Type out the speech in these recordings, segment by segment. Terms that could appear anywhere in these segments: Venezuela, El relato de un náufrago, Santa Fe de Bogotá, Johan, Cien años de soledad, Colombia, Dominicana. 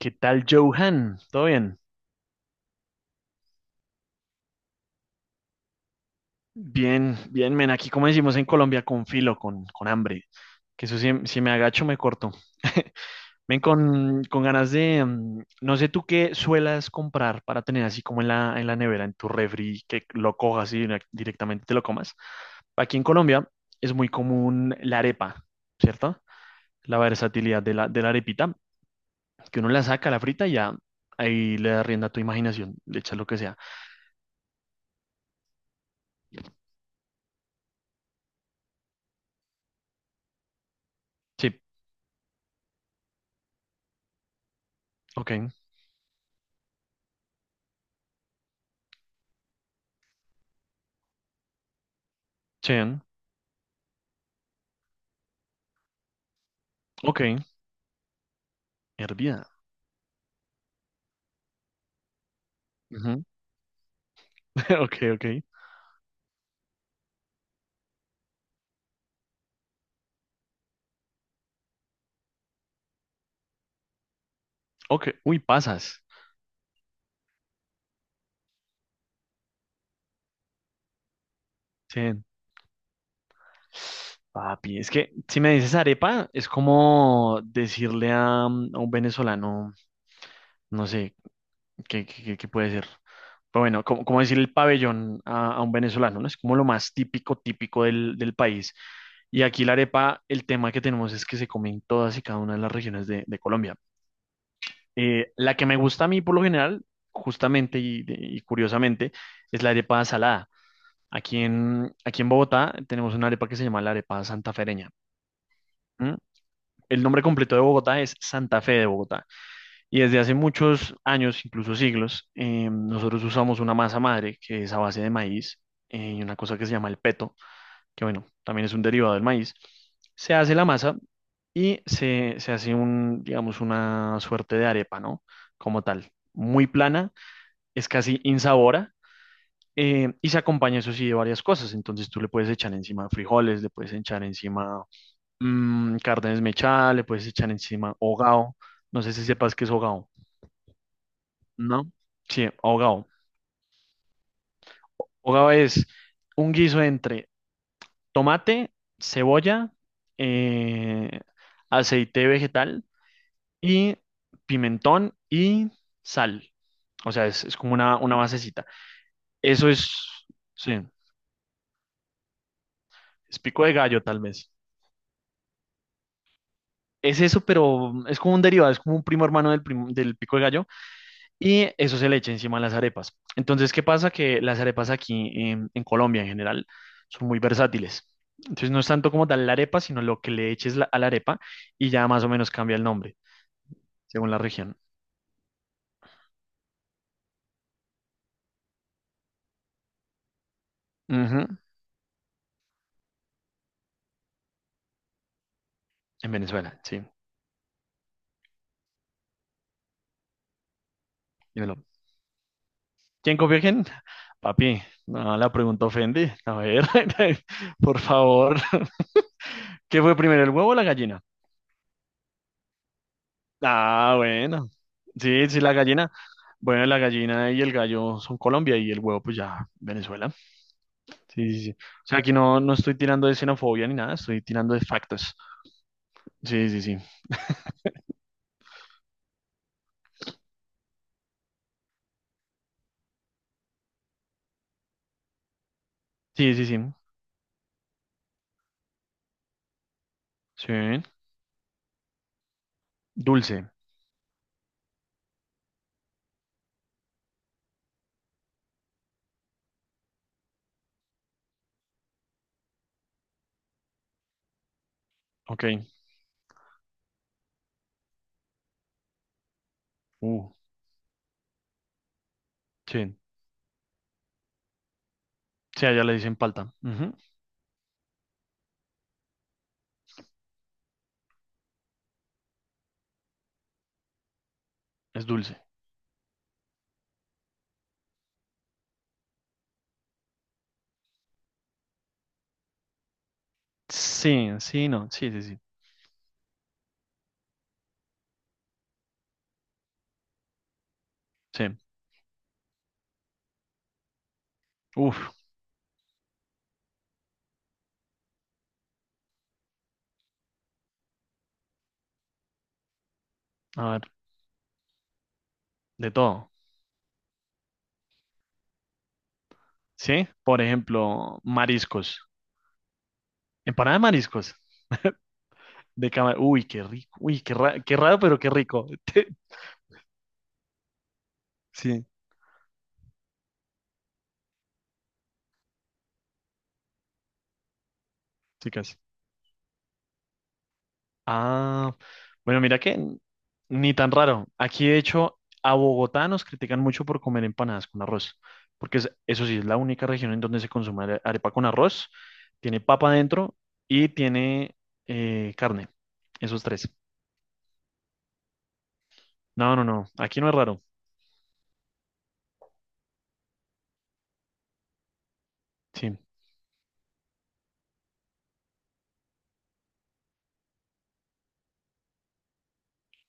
¿Qué tal, Johan? ¿Todo bien? Bien, bien, men. Aquí, como decimos en Colombia, con filo, con hambre. Que eso, si me agacho, me corto. Men, con ganas de. No sé tú qué suelas comprar para tener así como en la nevera, en tu refri, que lo cojas y directamente te lo comas. Aquí en Colombia es muy común la arepa, ¿cierto? La versatilidad de la arepita, que uno la saca, la frita y ya ahí le da rienda a tu imaginación, le echas lo que sea. Sí, ok, sí. Ok, hervida. Ujú. Ok, ok. Ok, uy, pasas. Sí, papi, es que si me dices arepa, es como decirle a, a un venezolano, no sé, qué puede ser. Pero bueno, como, como decir el pabellón a un venezolano, ¿no? Es como lo más típico, típico del, del país. Y aquí la arepa, el tema que tenemos es que se come en todas y cada una de las regiones de Colombia. La que me gusta a mí por lo general, justamente y curiosamente, es la arepa salada. Aquí en Bogotá tenemos una arepa que se llama la arepa santafereña. ¿M? El nombre completo de Bogotá es Santa Fe de Bogotá. Y desde hace muchos años, incluso siglos, nosotros usamos una masa madre que es a base de maíz y una cosa que se llama el peto, que bueno, también es un derivado del maíz. Se hace la masa y se hace un, digamos, una suerte de arepa, ¿no? Como tal, muy plana, es casi insabora y se acompaña, eso sí, de varias cosas. Entonces tú le puedes echar encima frijoles, le puedes echar encima carne desmechada, le puedes echar encima hogao. No sé si sepas qué es hogao, ¿no? Sí, hogao. Hogao es un guiso entre tomate, cebolla, eh, aceite vegetal y pimentón y sal. O sea, es como una basecita. Eso es, sí, es pico de gallo tal vez. Es eso, pero es como un derivado, es como un primo hermano del, del pico de gallo y eso se le echa encima a las arepas. Entonces, ¿qué pasa? Que las arepas aquí en Colombia en general son muy versátiles. Entonces, no es tanto como tal la arepa, sino lo que le eches a la arepa y ya más o menos cambia el nombre según la región. Ujú, en Venezuela, sí. Dímelo. ¿Quién copió a quién? Papi, no, la pregunta ofende. A ver, por favor. ¿Qué fue primero, el huevo o la gallina? Ah, bueno. Sí, sí, la gallina. Bueno, la gallina y el gallo son Colombia y el huevo, pues ya, Venezuela. Sí, sí, sí. O sea, aquí no, no estoy tirando de xenofobia ni nada, estoy tirando de factos. Sí, sí, sí. Sí, sí, sí. Sí. Dulce. Ok. Uh, sí. Sí, allá le dicen palta. Ujú. Es dulce. Sí, sí, no. Sí, sí, sí. Sí. Uf, a ver, de todo. Sí. Por ejemplo, mariscos. Empanada de mariscos. De cámara. Uy, qué rico. Uy, qué raro, pero qué rico. Te- sí, sí, casi. Ah, bueno, mira que ni tan raro. Aquí, de hecho, a Bogotá nos critican mucho por comer empanadas con arroz, porque eso sí, es la única región en donde se consume arepa con arroz, tiene papa dentro y tiene carne. Esos tres. No, no, no, aquí no es raro. Sí,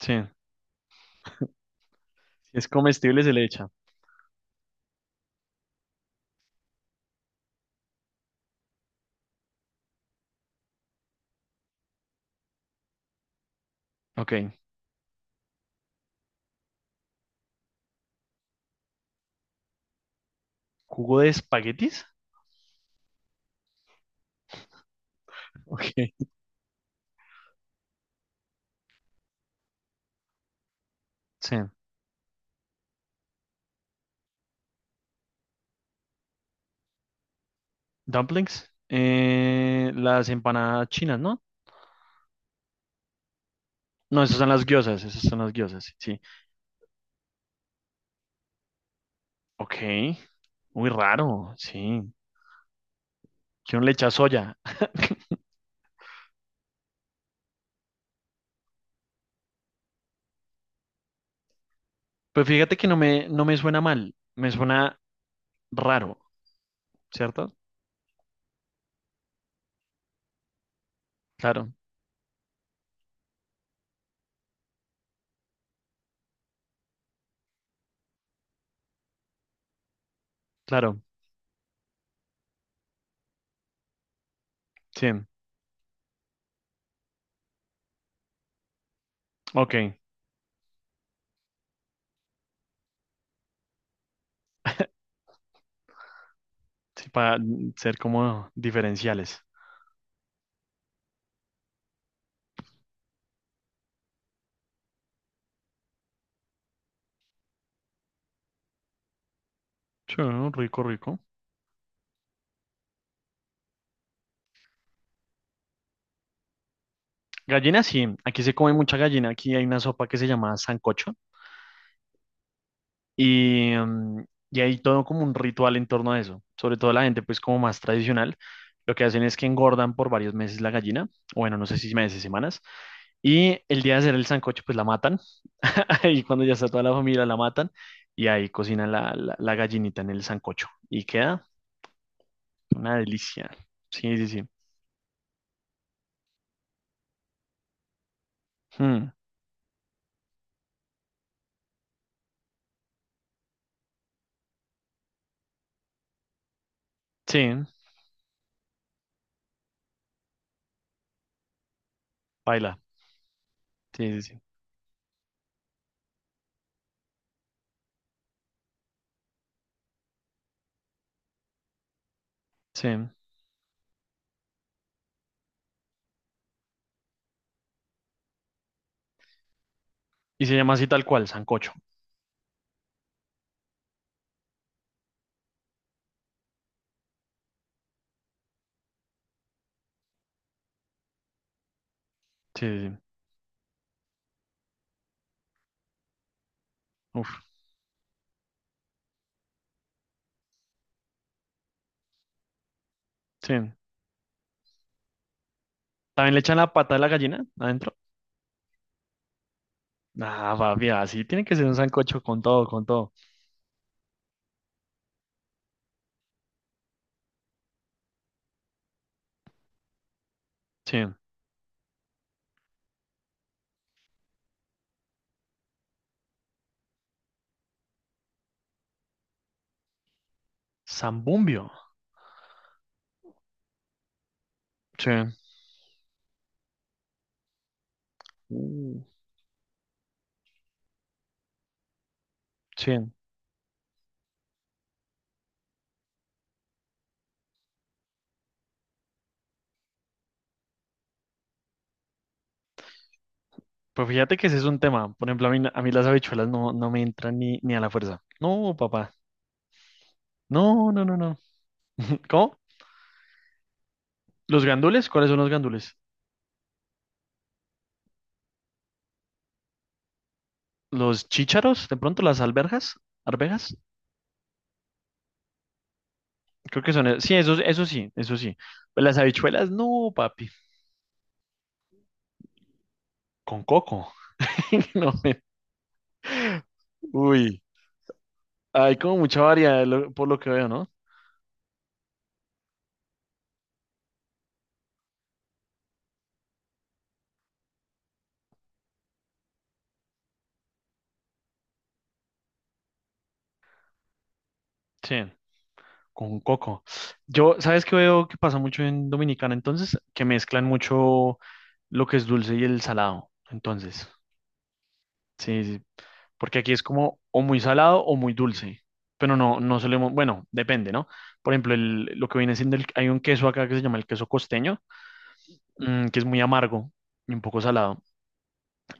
sí. Si es comestible, se le echa. Ok. ¿Jugo de espaguetis? Ok. Sí. Dumplings. Las empanadas chinas, ¿no? No, esas son las gyozas, esas son las gyozas, sí. Sí. Ok, muy raro, sí. Que uno le echa soya. Pues fíjate que no me, no me suena mal, me suena raro, ¿cierto? Claro, claro, sí. Ok, sí, para ser como diferenciales. Sí, rico, rico. Gallina, sí, aquí se come mucha gallina, aquí hay una sopa que se llama sancocho. Y, y hay todo como un ritual en torno a eso. Sobre todo la gente, pues como más tradicional, lo que hacen es que engordan por varios meses la gallina, o bueno, no sé si meses, semanas, y el día de hacer el sancocho, pues la matan. Y cuando ya está toda la familia, la matan y ahí cocinan la gallinita en el sancocho. Y queda una delicia. Sí, sí, sí. Mm, sí, baila. Sí, sí, sí. Sí. Y se llama así tal cual, sancocho. Sí, sí, sí. Uf, sí. También le echan la pata de la gallina adentro. Ah, papi, así tiene que ser un sancocho con todo, con todo. Sí. Zambumbio. Sí. Uh, sí. Pero fíjate que ese es un tema. Por ejemplo, a mí las habichuelas no, no me entran ni a la fuerza. No, papá. No, no, no, no. ¿Cómo? ¿Los gandules? ¿Cuáles son los gandules? ¿Los chícharos? ¿De pronto las alberjas? ¿Arvejas? Creo que son. Sí, eso sí, eso sí. Pues las habichuelas, no, papi. Con coco. No, me- uy. Hay como mucha variedad, por lo que veo, ¿no? Sí. Con coco. Yo, ¿sabes qué veo que pasa mucho en Dominicana? Entonces, que mezclan mucho lo que es dulce y el salado. Entonces, sí, sí, porque aquí es como o muy salado o muy dulce. Pero no, no solemos, bueno, depende, ¿no? Por ejemplo, el, lo que viene siendo, el, hay un queso acá que se llama el queso costeño, que es muy amargo y un poco salado,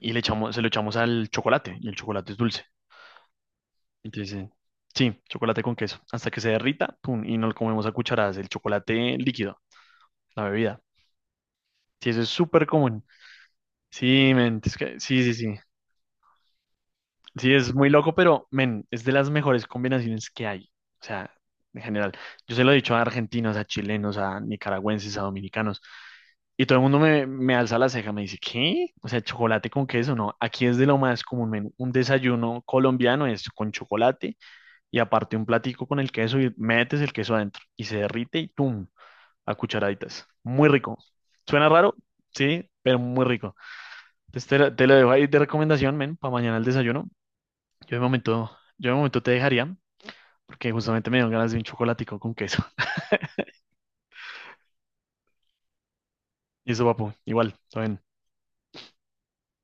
y le echamos, se lo echamos al chocolate, y el chocolate es dulce. Entonces, sí, chocolate con queso, hasta que se derrita, pum, y nos lo comemos a cucharadas, el chocolate líquido, la bebida. Sí, eso es súper común. Sí, men, es que, sí, sí, sí. Sí, es muy loco, pero, men, es de las mejores combinaciones que hay. O sea, en general. Yo se lo he dicho a argentinos, a chilenos, a nicaragüenses, a dominicanos. Y todo el mundo me, me alza la ceja, me dice, ¿qué? O sea, chocolate con queso, no. Aquí es de lo más común, men. Un desayuno colombiano es con chocolate y aparte un platico con el queso y metes el queso adentro y se derrite y ¡tum! A cucharaditas. Muy rico. Suena raro, sí, pero muy rico. Entonces te, te lo dejo ahí de recomendación, men, para mañana el desayuno. Yo de momento, yo de momento te dejaría, porque justamente me dieron ganas de un chocolatico con queso. Y eso, papu, igual, todo bien.